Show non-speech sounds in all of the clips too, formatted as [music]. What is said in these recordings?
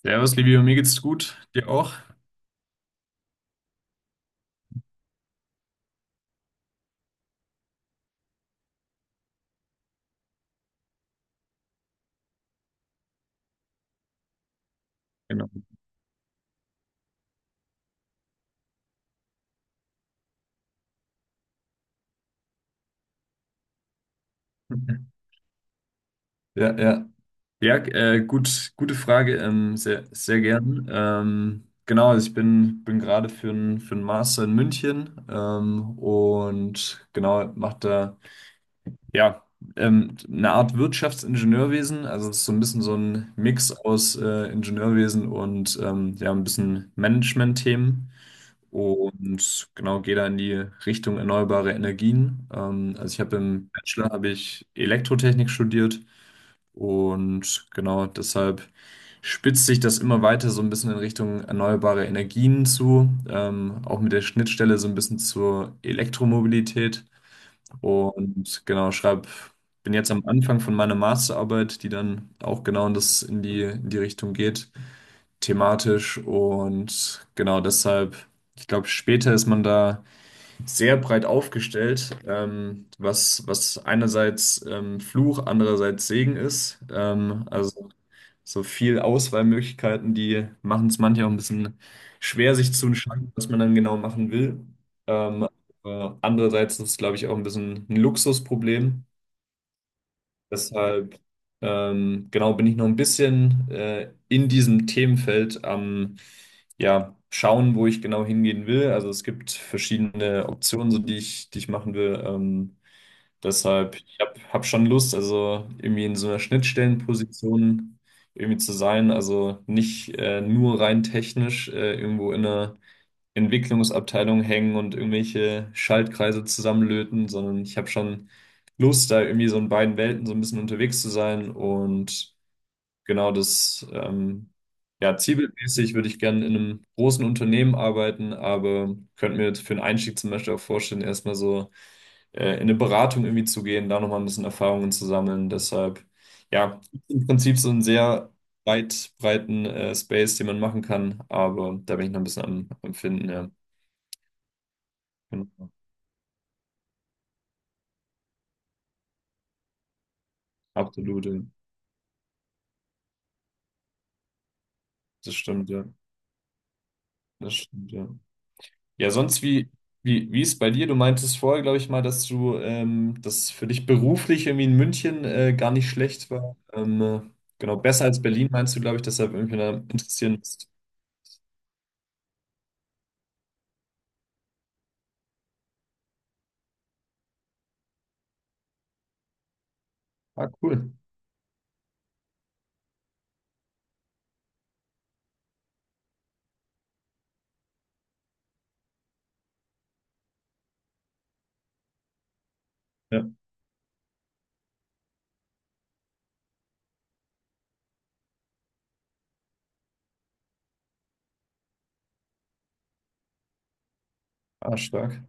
Servus, Livio, mir geht's gut. Dir auch? Genau. [laughs] Ja. Ja, gut, gute Frage. Sehr, sehr gern. Genau, also ich bin gerade für einen Master in München und genau, mache da ja eine Art Wirtschaftsingenieurwesen. Also es ist so ein bisschen so ein Mix aus Ingenieurwesen und ja, ein bisschen Management-Themen. Und genau, gehe da in die Richtung erneuerbare Energien. Also ich habe im Bachelor habe ich Elektrotechnik studiert und genau deshalb spitzt sich das immer weiter so ein bisschen in Richtung erneuerbare Energien zu, auch mit der Schnittstelle so ein bisschen zur Elektromobilität. Und genau, bin jetzt am Anfang von meiner Masterarbeit, die dann auch genau in die Richtung geht thematisch. Und genau deshalb, ich glaube, später ist man da sehr breit aufgestellt, was, was einerseits Fluch, andererseits Segen ist. Also so viel Auswahlmöglichkeiten, die machen es manchmal auch ein bisschen schwer, sich zu entscheiden, was man dann genau machen will. Ähm, Andererseits ist es, glaube ich, auch ein bisschen ein Luxusproblem. Deshalb, genau, bin ich noch ein bisschen in diesem Themenfeld am, ja, schauen, wo ich genau hingehen will. Also es gibt verschiedene Optionen, so die ich machen will. Deshalb, ich hab schon Lust, also irgendwie in so einer Schnittstellenposition irgendwie zu sein. Also nicht nur rein technisch irgendwo in einer Entwicklungsabteilung hängen und irgendwelche Schaltkreise zusammenlöten, sondern ich habe schon Lust, da irgendwie so in beiden Welten so ein bisschen unterwegs zu sein. Und genau ja, zielbildmäßig würde ich gerne in einem großen Unternehmen arbeiten, aber könnte mir jetzt für einen Einstieg zum Beispiel auch vorstellen, erstmal so in eine Beratung irgendwie zu gehen, da nochmal ein bisschen Erfahrungen zu sammeln. Deshalb, ja, im Prinzip so ein sehr weit breiten Space, den man machen kann, aber da bin ich noch ein bisschen am, am Finden, ja. Genau. Absolut, ja. Das stimmt, ja. Das stimmt, ja. Ja, sonst wie ist bei dir? Du meintest vorher, glaube ich mal, dass du, dass für dich beruflich irgendwie in München gar nicht schlecht war. Genau, besser als Berlin meinst du, glaube ich, deshalb irgendwie da interessieren bist. Ah, cool. Ja. Ah, stark.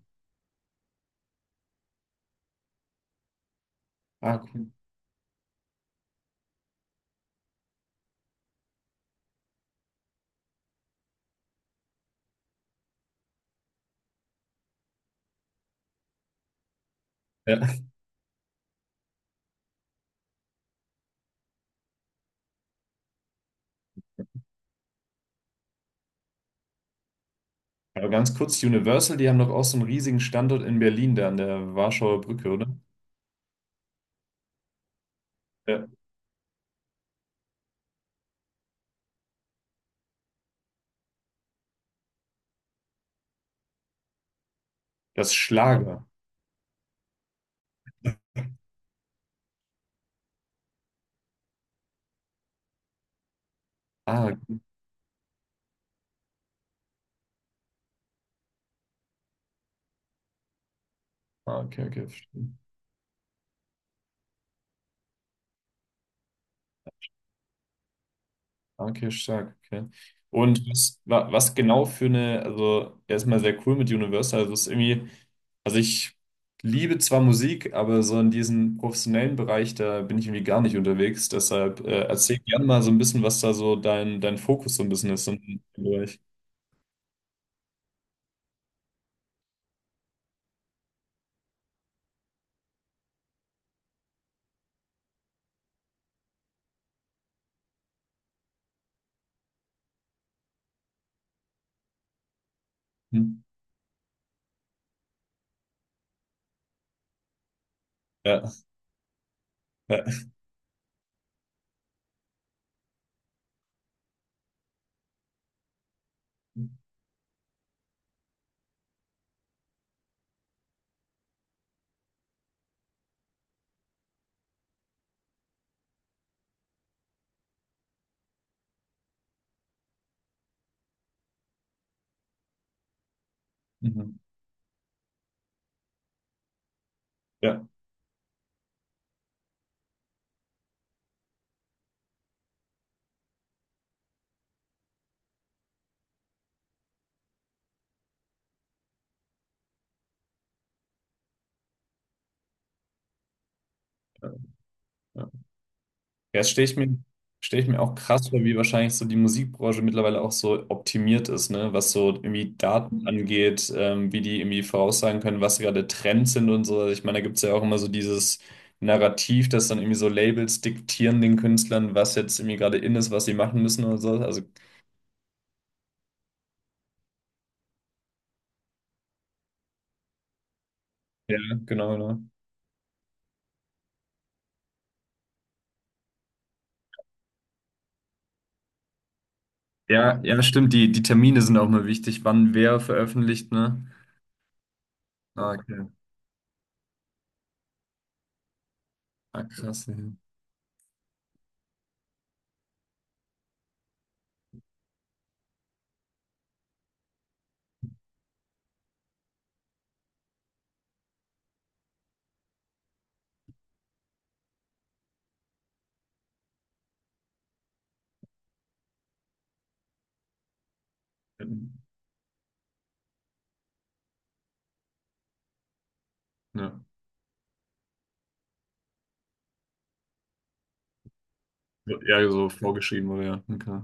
Ah, cool. Ja. [laughs] Aber ganz kurz, Universal, die haben doch auch so einen riesigen Standort in Berlin, da an der Warschauer Brücke, oder? Ja. Das Schlager. Ah, ah, okay, okay, verstehe. Okay, stark, okay. Und was genau für eine, also erstmal sehr cool mit Universal, also es ist irgendwie, also ich liebe zwar Musik, aber so in diesem professionellen Bereich, da bin ich irgendwie gar nicht unterwegs, deshalb erzähl gerne mal so ein bisschen, was da so dein Fokus so ein bisschen ist in Bereich. Hm? Ja, ja. Mhm. [laughs] Ja. Ja. Ja, das stell ich mir auch krass vor, wie wahrscheinlich so die Musikbranche mittlerweile auch so optimiert ist, ne? Was so irgendwie Daten angeht, wie die irgendwie voraussagen können, was gerade Trends sind und so. Also ich meine, da gibt es ja auch immer so dieses Narrativ, dass dann irgendwie so Labels diktieren den Künstlern, was jetzt irgendwie gerade in ist, was sie machen müssen oder so. Also, ja, genau. Ja, ja, stimmt. Die Termine sind auch mal wichtig, wann wer veröffentlicht, ne? Ah, okay. Ah, krass. Ja, ja, so ja, so vorgeschrieben, oder ja. Okay.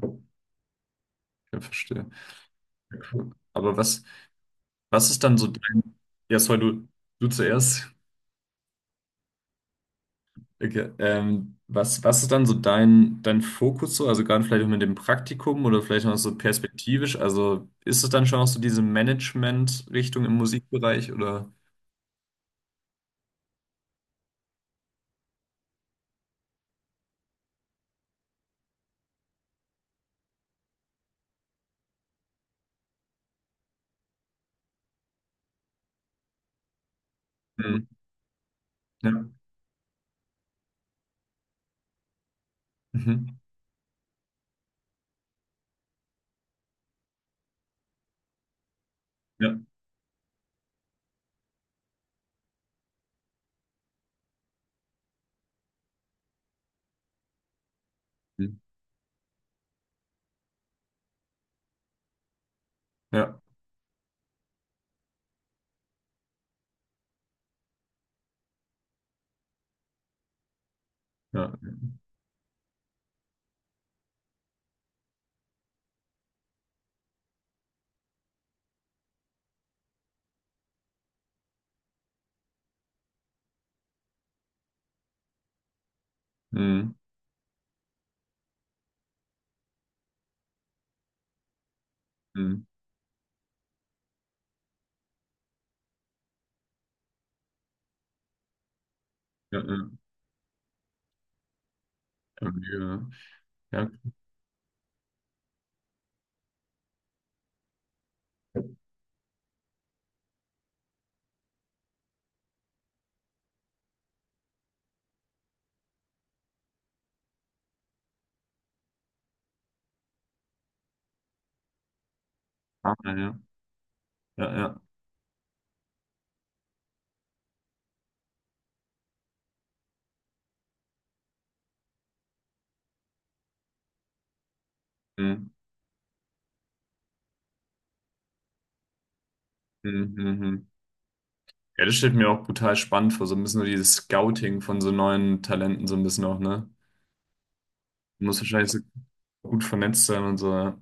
Ich verstehe. Ja, cool. Aber was ist dann so dein, ja, sorry, du zuerst. Okay. Was, was ist dann so dein Fokus so? Also gerade vielleicht auch mit dem Praktikum oder vielleicht noch so perspektivisch. Also ist es dann schon auch so diese Management-Richtung im Musikbereich oder? Mhm. Ja. Mhm. Ja. Mhm. Ja. Ja. Mhm. Mhm. Ja. Ja. Ja. Ja. Ja. Ja. Ja. Ja. Ja. Mhm. Mhm. Mhm. Ja, das stellt mir auch brutal spannend vor, so ein bisschen so dieses Scouting von so neuen Talenten, so ein bisschen auch, ne? Du musst wahrscheinlich so gut vernetzt sein und so, ja.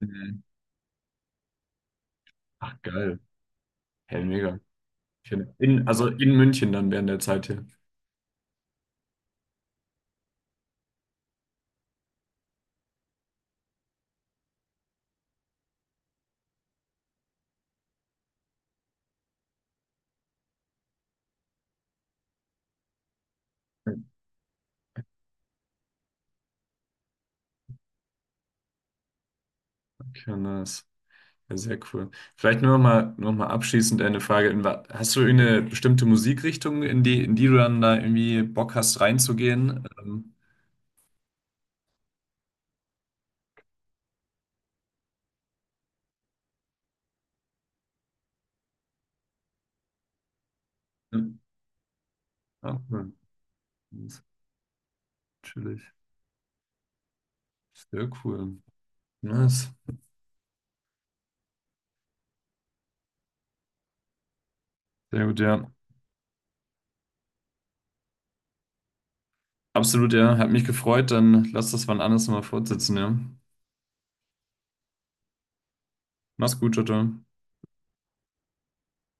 Mhm. Ach, geil. Hey, mega. In, also in München dann während der Zeit hier. Okay, nice. Ja, sehr cool. Vielleicht noch mal abschließend eine Frage. Hast du eine bestimmte Musikrichtung, in die du dann da irgendwie Bock hast, reinzugehen? Ja, ah, cool. Natürlich. Sehr cool. Nice. Sehr gut, ja. Absolut, ja. Hat mich gefreut. Dann lass das wann anders mal fortsetzen, ja. Mach's gut, Jutta.